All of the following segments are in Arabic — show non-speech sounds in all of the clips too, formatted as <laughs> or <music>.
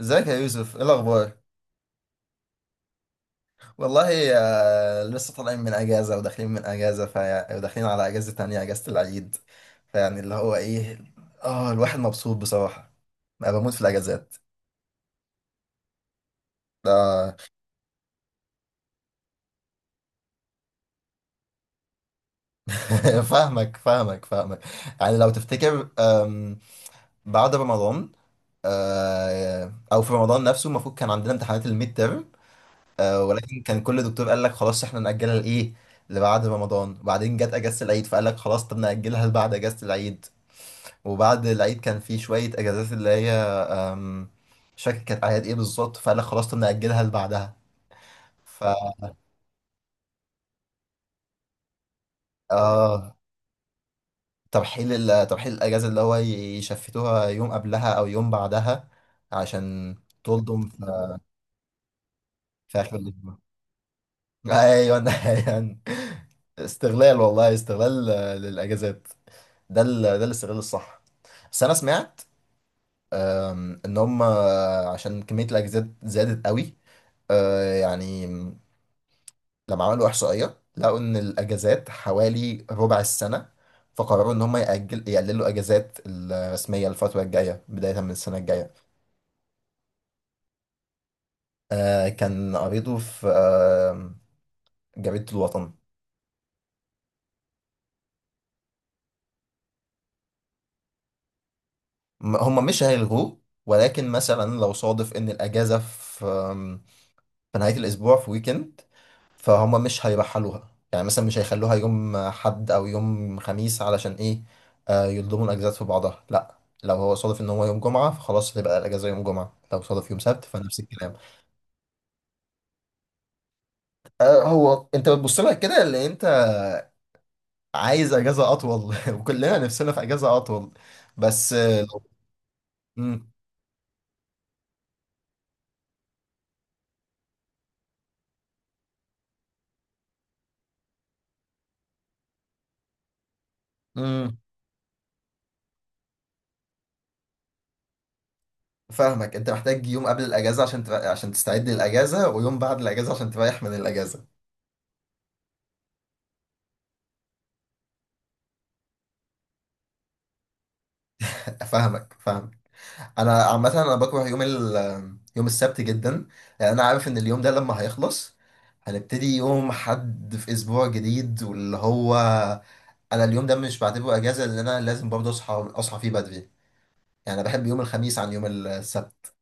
ازيك يا يوسف؟ ايه الاخبار؟ والله لسه طالعين من اجازه وداخلين من اجازه وداخلين على اجازه تانية، اجازه العيد. فيعني اللي هو ايه، اه الواحد مبسوط بصراحه. انا بموت في الاجازات. آه. <laughs> فاهمك. يعني لو تفتكر، بعد رمضان، او في رمضان نفسه المفروض كان عندنا امتحانات الميد تيرم. ولكن كان كل دكتور قال لك خلاص احنا ناجلها لايه، لبعد رمضان. وبعدين جت اجازه العيد فقال لك خلاص، طب ناجلها لبعد اجازه العيد. وبعد العيد كان في شوية اجازات اللي هي، أم، مش فاكر كانت اعياد ايه بالظبط، فقال لك خلاص طب نأجلها لبعدها. ف اه ترحيل ترحيل الاجازة اللي هو يشفتوها يوم قبلها او يوم بعدها، عشان تلضم في... في اخر الاسبوع. ايوه. <laughs> ايوه، استغلال والله، استغلال للاجازات. ده الاستغلال الصح. بس انا سمعت، ان هم عشان كمية الاجازات زادت قوي، يعني لما عملوا إحصائية لقوا إن الأجازات حوالي ربع السنة، فقرروا إن هم يأجل يقللوا أجازات الرسمية الفترة الجاية بداية من السنة الجاية. آه، كان قريته في آه جريدة الوطن. هم مش هيلغوه، ولكن مثلا لو صادف إن الأجازة في في نهاية الأسبوع، في ويكند، فهم مش هيرحلوها. يعني مثلا مش هيخلوها يوم حد أو يوم خميس علشان إيه، يلضموا الأجازات في بعضها. لأ، لو هو صادف إن هو يوم جمعة فخلاص هتبقى الأجازة يوم جمعة، لو صادف يوم سبت فنفس الكلام. آه، هو أنت بتبص لها كده، اللي أنت عايز أجازة أطول. <laughs> وكلنا نفسنا في أجازة أطول، بس امم امم. فاهمك، أنت محتاج يوم قبل الأجازة عشان عشان تستعد للأجازة، ويوم بعد الأجازة عشان تريح من الأجازة. <laughs> فاهمك. انا عامه انا بكره يوم السبت جدا، لان انا عارف ان اليوم ده لما هيخلص هنبتدي يوم حد في اسبوع جديد، واللي هو انا اليوم ده مش بعتبره اجازه، لان انا لازم برضه اصحى فيه بدري. يعني انا بحب يوم الخميس عن يوم السبت.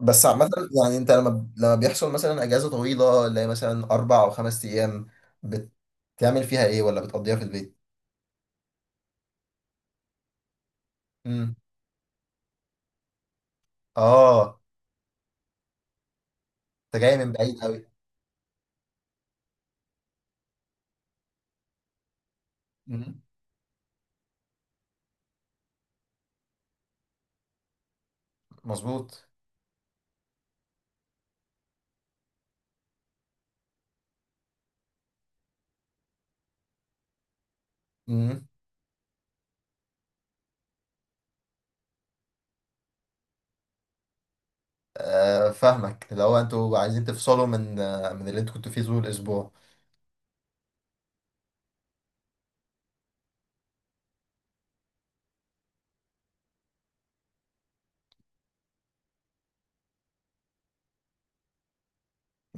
بس عامه، يعني انت لما بيحصل مثلا اجازه طويله اللي هي مثلا اربع او خمس ايام، بتعمل فيها ايه؟ ولا بتقضيها في البيت؟ امم. اه، انت جاي من بعيد قوي. مظبوط. فاهمك. لو انتوا عايزين تفصلوا من من اللي انتوا كنتوا فيه طول الاسبوع.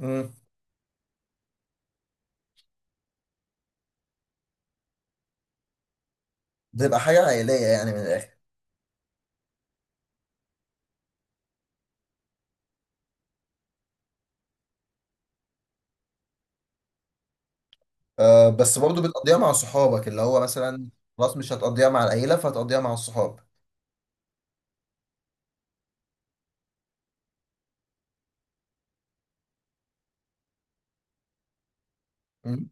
امم. بتبقى حاجة عائلية يعني من الآخر. بس برضو بتقضيها مع صحابك، اللي هو مثلا خلاص مش هتقضيها مع العيلة، فهتقضيها مع الصحاب. مم.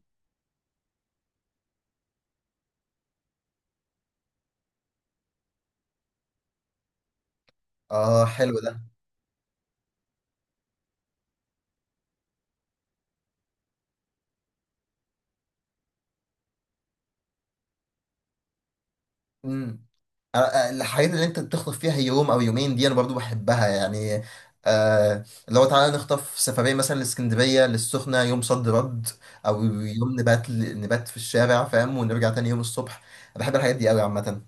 اه، حلو ده. امم. الحاجات اللي انت بتخطف فيها يوم او يومين دي انا برضو بحبها، يعني آه لو تعالى نخطف سفرية مثلا لاسكندرية للسخنة يوم صد رد، او يوم نبات في الشارع، فاهم، ونرجع تاني يوم الصبح. أنا بحب الحاجات دي قوي عامة.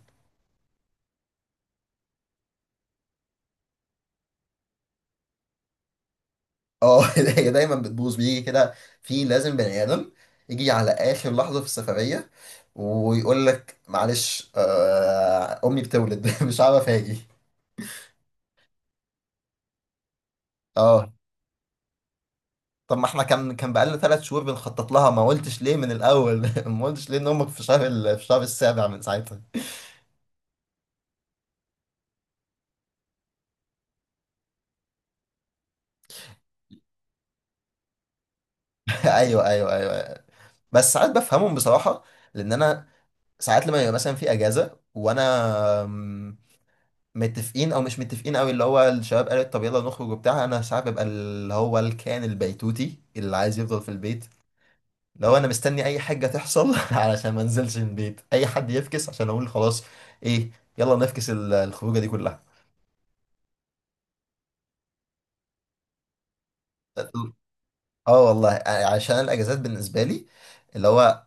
اه. <laughs> هي دايما بتبوظ، بيجي كده في لازم بني ادم يجي على اخر لحظه في السفريه ويقول لك معلش، آه امي بتولد. <laughs> مش عارف اجي. اه، طب ما احنا كان بقالنا ثلاث شهور بنخطط لها، ما قلتش ليه من الاول؟ <laughs> ما قلتش ليه ان امك في في شهر السابع من ساعتها؟ <laughs> ايوه، أيوة. بس ساعات بفهمهم بصراحه، لان انا ساعات لما يبقى مثلا في اجازه وانا، آمم، متفقين او مش متفقين قوي، اللي هو الشباب قالت طب يلا نخرج وبتاع، انا ساعات ببقى اللي هو الكائن البيتوتي اللي عايز يفضل في البيت. لو انا مستني اي حاجه تحصل <laughs> علشان ما انزلش من البيت، اي حد يفكس عشان اقول خلاص، ايه، يلا نفكس الخروجه دي كلها. اه والله، عشان الاجازات بالنسبه لي اللي هو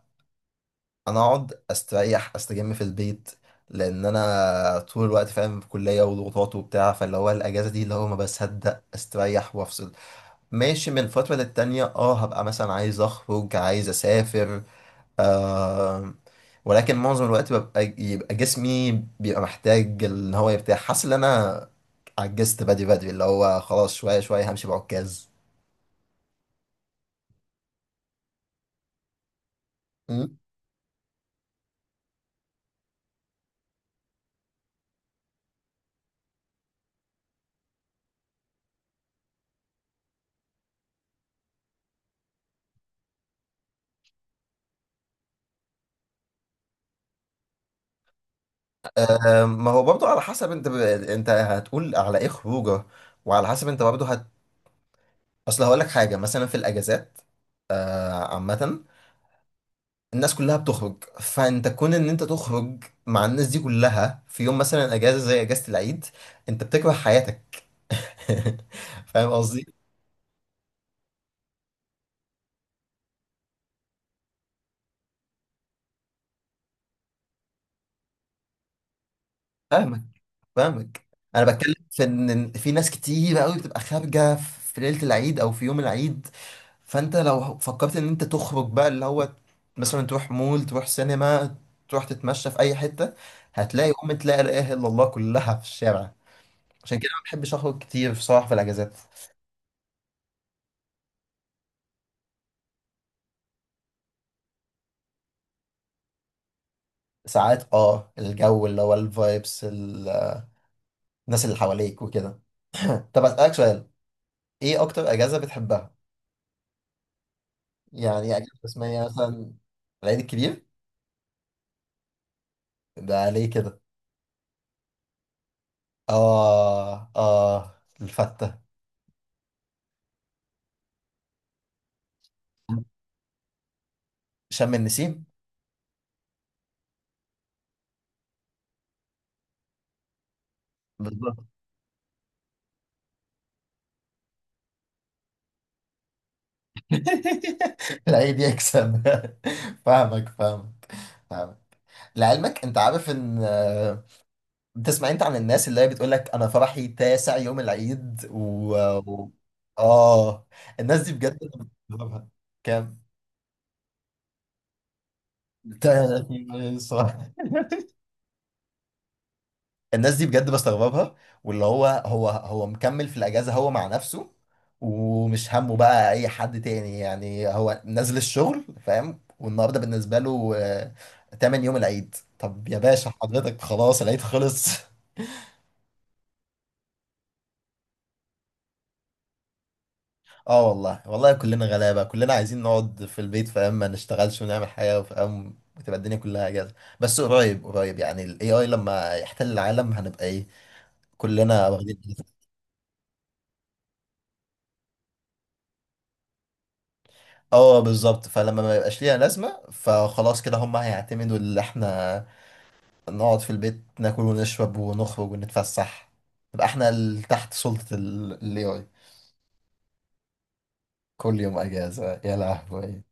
انا اقعد استريح استجم في البيت، لان انا طول الوقت فاهم في كليه وضغوطات وبتاع، فاللي هو الاجازه دي اللي هو ما بصدق استريح وافصل. ماشي، من فترة للتانية اه هبقى مثلا عايز اخرج عايز اسافر، آه، ولكن معظم الوقت يبقى جسمي بيبقى محتاج ان هو يرتاح، حاسس ان انا عجزت بدري بدري، اللي هو خلاص شوية شوية همشي بعكاز. مم. آه، ما هو برضه على حسب انت انت هتقول على ايه خروجه، وعلى حسب انت برضه اصل هقول لك حاجة. مثلا في الاجازات، عامة الناس كلها بتخرج، فانت كون ان انت تخرج مع الناس دي كلها في يوم مثلا اجازه زي اجازه العيد، انت بتكره حياتك. <laughs> فاهم قصدي؟ فاهمك فاهمك. انا بتكلم في ان في ناس كتير قوي بتبقى خارجه في ليله العيد او في يوم العيد. فانت لو فكرت ان انت تخرج بقى، اللي هو مثلا تروح مول، تروح سينما، تروح تتمشى في اي حته، هتلاقي ام تلاقي لا اله الا الله كلها في الشارع. عشان كده ما بحبش اخرج كتير بصراحه في الاجازات. ساعات اه الجو، اللي هو الفايبس، الناس اللي حواليك وكده. طب اسألك سؤال، ايه اكتر اجازة بتحبها؟ يعني اجازة رسمية مثلا. العيد الكبير. ده ليه كده؟ اه اه، الفتة. شم النسيم؟ بالظبط. <laughs> العيد يكسب. <laughs> فاهمك فاهمك فاهمك. لعلمك انت عارف ان، بتسمع انت عن الناس اللي هي بتقول لك انا فرحي تاسع يوم العيد و و- اه، الناس دي بجد أنا بستغربها. كام؟ <laughs> تا- الصراحة الناس دي بجد بستغربها، واللي هو هو مكمل في الأجازة، هو مع نفسه، ومش همه بقى أي حد تاني. يعني هو نازل الشغل فاهم، والنهاردة بالنسبة له تمن يوم العيد. طب يا باشا حضرتك خلاص العيد خلص. <laughs> اه والله والله، كلنا غلابة، كلنا عايزين نقعد في البيت فاهم، ما نشتغلش ونعمل حاجة فاهم، بتبقى الدنيا كلها أجازة. بس قريب يعني ال AI لما يحتل العالم هنبقى إيه، كلنا واخدين. اه بالظبط، فلما ما يبقاش ليها لازمة فخلاص كده هم هيعتمدوا، اللي احنا نقعد في البيت ناكل ونشرب ونخرج ونتفسح، نبقى احنا تحت سلطة الاي اي. كل يوم اجازة يا لهوي.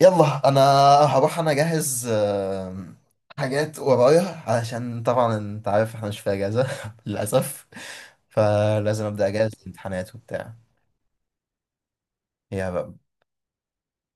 يلا انا هروح انا اجهز، حاجات ورايا، علشان طبعا انت عارف احنا مش في اجازة <laughs> للأسف، فلازم ابدأ اجهز الامتحانات وبتاع. يا رب.